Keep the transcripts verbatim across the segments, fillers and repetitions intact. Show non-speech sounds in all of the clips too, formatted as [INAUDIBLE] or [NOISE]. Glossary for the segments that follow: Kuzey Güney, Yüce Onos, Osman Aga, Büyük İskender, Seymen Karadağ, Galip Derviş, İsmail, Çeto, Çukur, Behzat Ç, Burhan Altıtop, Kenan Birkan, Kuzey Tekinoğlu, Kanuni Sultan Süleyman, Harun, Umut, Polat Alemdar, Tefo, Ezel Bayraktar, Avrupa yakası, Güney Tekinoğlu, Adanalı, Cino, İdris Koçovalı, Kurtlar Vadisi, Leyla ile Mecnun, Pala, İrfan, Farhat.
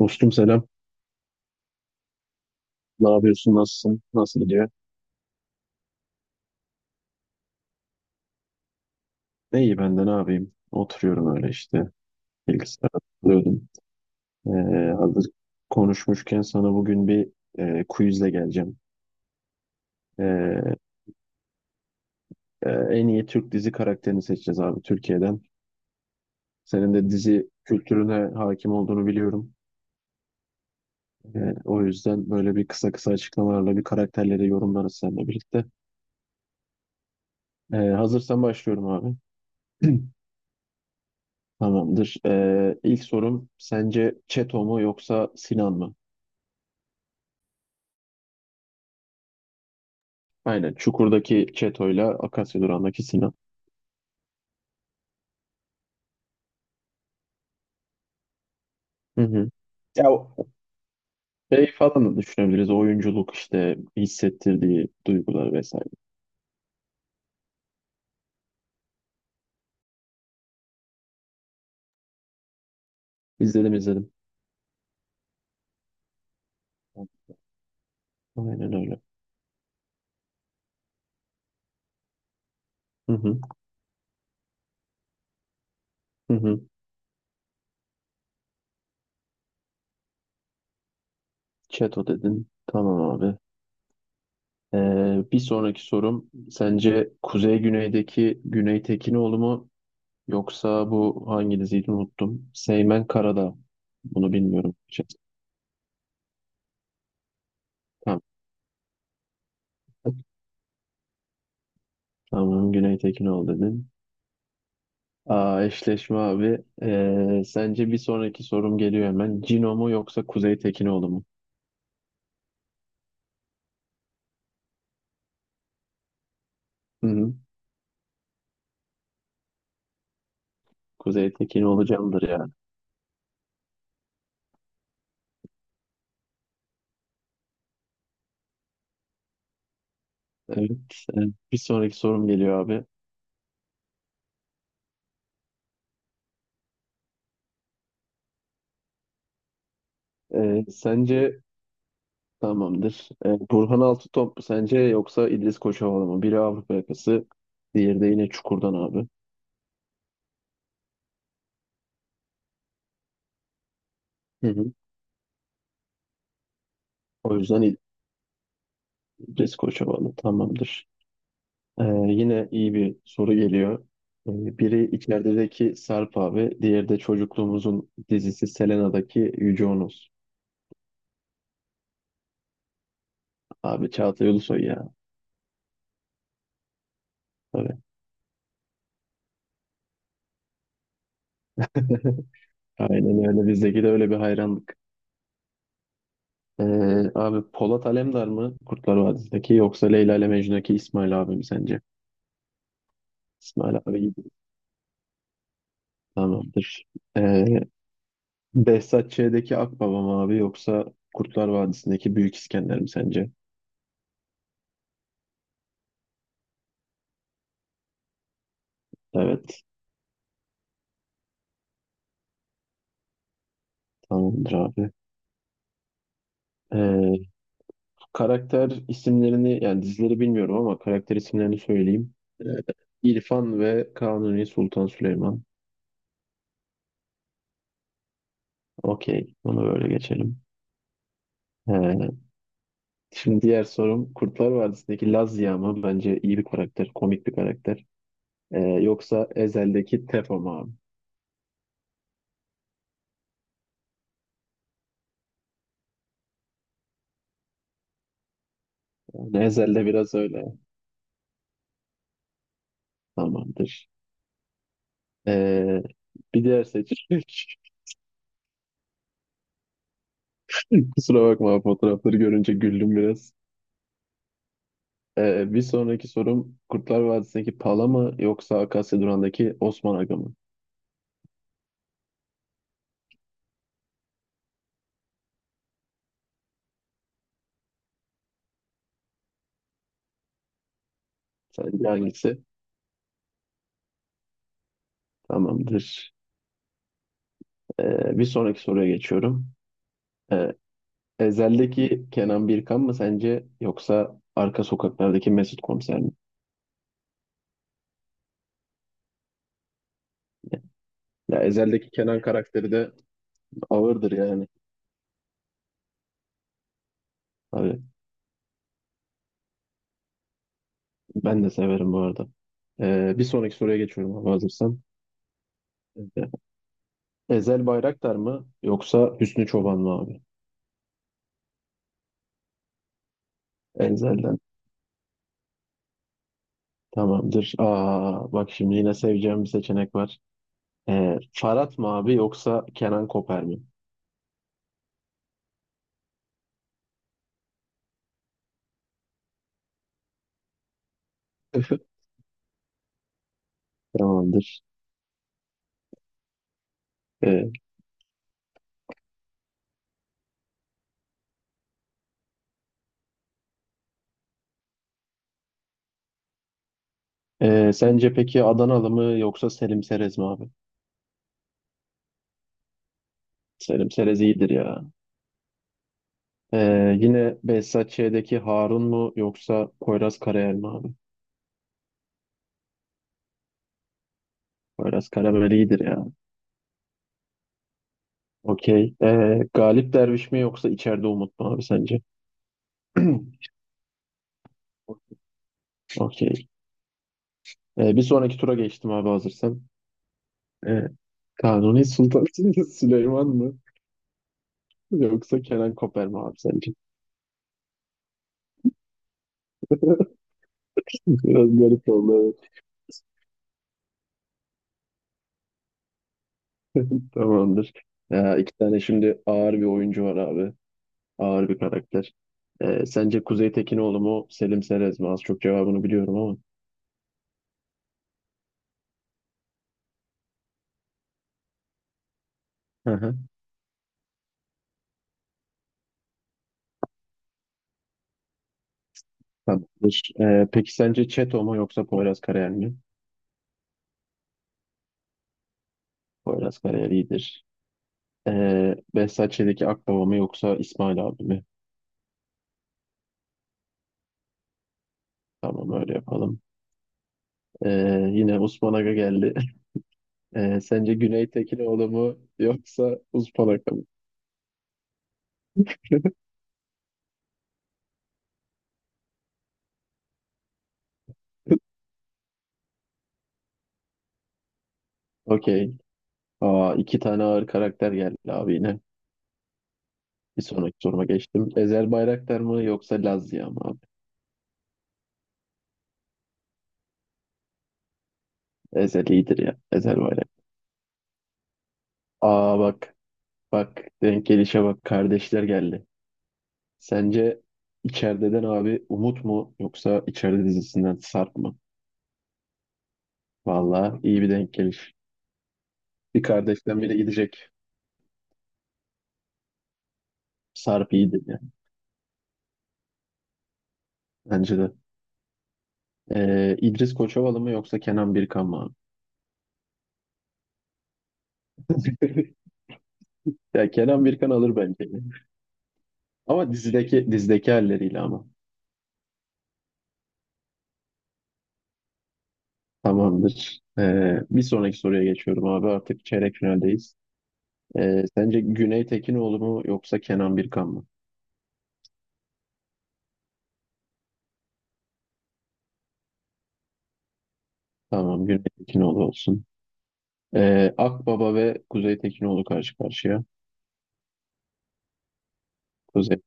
Dostum selam. Ne yapıyorsun? Nasılsın? Nasıl gidiyor? Ne iyi ben de ne yapayım? Oturuyorum öyle işte. Bilgisayara takılıyordum. Ee, hazır konuşmuşken sana bugün bir e, quizle geleceğim. Ee, e, En iyi Türk dizi karakterini seçeceğiz abi Türkiye'den. Senin de dizi kültürüne hakim olduğunu biliyorum. Ee, o yüzden böyle bir kısa kısa açıklamalarla bir karakterleri yorumlarız seninle birlikte. Ee, hazırsan başlıyorum abi. [CLEARS THROAT] Tamamdır. Ee, ilk sorum, sence Çeto mu yoksa Sinan mı? Aynen. Çukur'daki Çeto'yla Akasya Durağı'ndaki Sinan. Hı hı. Ya o- Şey falan da düşünebiliriz. Oyunculuk, işte hissettirdiği duygular vesaire. İzledim izledim. Aynen öyle. Hı hı. Hı hı. Çeto dedin. Tamam abi. Ee, bir sonraki sorum, sence Kuzey Güney'deki Güney Tekinoğlu mu yoksa bu hangi diziydi unuttum. Seymen Karadağ. Bunu bilmiyorum. Şey, tamam. Tamam, Güney Tekinoğlu dedin. Aa, eşleşme abi. Ee, sence bir sonraki sorum geliyor hemen. Cino mu yoksa Kuzey Tekinoğlu mu? Hı hı. Kuzey Tekinoğlu candır ya. Evet. e, Bir sonraki sorum geliyor abi. Ee, sence Tamamdır. Ee, Burhan Altıtop mu sence yoksa İdris Koçovalı mı? Biri Avrupa yakası, diğeri de yine Çukur'dan abi. Hı hı. O yüzden İdris Koçovalı tamamdır. Ee, yine iyi bir soru geliyor. Ee, biri içerideki Sarp abi, diğeri de çocukluğumuzun dizisi Selena'daki Yüce Onos. Abi Çağatay Ulusoy ya. Tabii. [LAUGHS] Aynen öyle. Bizdeki de öyle bir hayranlık. Ee, Abi Polat Alemdar mı Kurtlar Vadisi'ndeki yoksa Leyla ile Mecnun'daki İsmail abi mi sence? İsmail abi gibi. Tamamdır. Ee, Behzat Ç'deki Akbaba mı abi yoksa Kurtlar Vadisi'ndeki Büyük İskender mi sence? Evet. Tamamdır abi. Ee, Karakter isimlerini, yani dizileri bilmiyorum ama karakter isimlerini söyleyeyim. Ee, İrfan ve Kanuni Sultan Süleyman. Okey. Bunu böyle geçelim. Ee, Şimdi diğer sorum, Kurtlar Vadisi'ndeki Laz Ziya mı? Bence iyi bir karakter. Komik bir karakter. Ee, yoksa Ezel'deki Tefo mu abi? Yani Ezel'de biraz öyle. Tamamdır. Ee, Bir diğer seçim. [LAUGHS] Kusura bakma, fotoğrafları görünce güldüm biraz. Ee, bir sonraki sorum, Kurtlar Vadisi'ndeki Pala mı yoksa Akasya Duran'daki Osman Aga mı? Sence hangisi? Tamamdır. Ee, bir sonraki soruya geçiyorum. Ee, Ezel'deki Kenan Birkan mı sence yoksa Arka Sokaklar'daki Mesut Komiser mi? Ya Ezel'deki Kenan karakteri de ağırdır yani. Abi, ben de severim bu arada. Ee, bir sonraki soruya geçiyorum abi, hazırsan. Ezel Bayraktar mı yoksa Hüsnü Çoban mı abi? Ezel'den tamamdır. Aa, bak şimdi yine seveceğim bir seçenek var. Ee, Farhat mı abi yoksa Kenan Koper mi? [LAUGHS] Tamamdır. Ee, e, Sence peki Adanalı mı yoksa Selim Serez mi abi? Selim Serez iyidir ya. Ee, yine Behzat Ç'deki Harun mu yoksa Poyraz Karayel mi abi? Poyraz Karayel iyidir ya. Okey. Ee, Galip Derviş mi yoksa içeride Umut mu abi sence? [CLEARS THROAT] Okey. Ee, bir sonraki tura geçtim abi, hazırsan. Ee, Kanuni Sultan [LAUGHS] Süleyman mı? Yoksa Kenan Koper mi abi sence? [LAUGHS] Biraz garip oldu, evet. Tamamdır. Ya, iki tane şimdi ağır bir oyuncu var abi. Ağır bir karakter. Ee, sence Kuzey Tekinoğlu mu, Selim Serez mi? Az çok cevabını biliyorum ama. Hı hı. Tamamdır. Ee, peki sence Çeto mu yoksa Poyraz Karayel mi? Poyraz Karayel iyidir. Ee, Behzat Ç'deki Akbaba mı yoksa İsmail abi mi? Tamam, öyle yapalım. Ee, Yine Osman Aga geldi. [LAUGHS] Ee, sence Güney Tekinoğlu mu yoksa Osman Aga mı? Okey. Aa, iki tane ağır karakter geldi abi yine. Bir sonraki soruma geçtim. Ezel Bayraktar mı yoksa Lazya mı abi? Ezel iyidir ya. Ezel Bayraktar. Aa bak. Bak. Denk gelişe bak. Kardeşler geldi. Sence içerideden abi Umut mu yoksa içeride dizisinden Sarp mı? Vallahi iyi bir denk geliş. Bir kardeşten biri gidecek. Sarp iyidir ya. Bence de. Ee, İdris Koçovalı mı yoksa Kenan Birkan mı abi? [LAUGHS] Ya Kenan Birkan alır bence. Ama dizideki dizideki halleriyle ama. Tamamdır. Ee, bir sonraki soruya geçiyorum abi. Artık çeyrek finaldeyiz. Ee, sence Güney Tekinoğlu mu yoksa Kenan Birkan mı? Tamam, Güney Tekinoğlu olsun. Ee, Akbaba ve Kuzey Tekinoğlu karşı karşıya. Kuzey.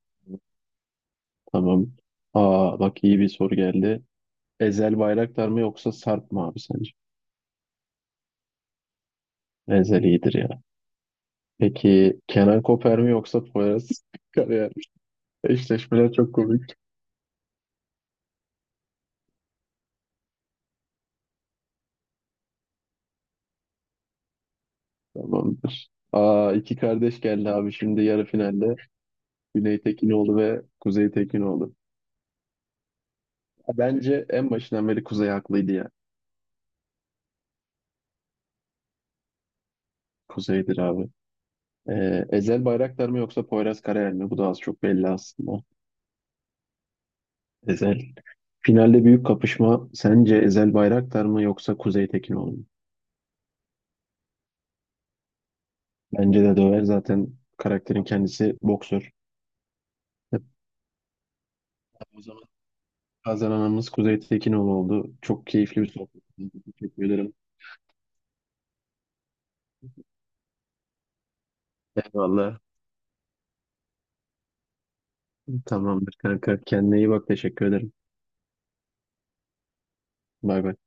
Tamam. Aa bak, iyi bir soru geldi. Ezel Bayraktar mı yoksa Sarp mı abi sence? Ezel iyidir ya. Peki Kenan Koper mi yoksa Poyraz [LAUGHS] Karayer mi? Eşleşmeler çok komik. Tamamdır. Aa, iki kardeş geldi abi, şimdi yarı finalde. Güney Tekinoğlu ve Kuzey Tekinoğlu. Bence en başından beri Kuzey haklıydı ya. Kuzey'dir abi. Ee, Ezel Bayraktar mı yoksa Poyraz Karayel mi? Bu da az çok belli aslında. Ezel. Finalde büyük kapışma. Sence Ezel Bayraktar mı yoksa Kuzey Tekinoğlu mu? Bence de döver. Zaten karakterin kendisi boksör. Evet, o zaman kazananımız Kuzey Tekinoğlu oldu. Çok keyifli bir sohbet oldu. Teşekkür ederim. Eyvallah. Tamamdır kanka. Kendine iyi bak. Teşekkür ederim. Bay bay.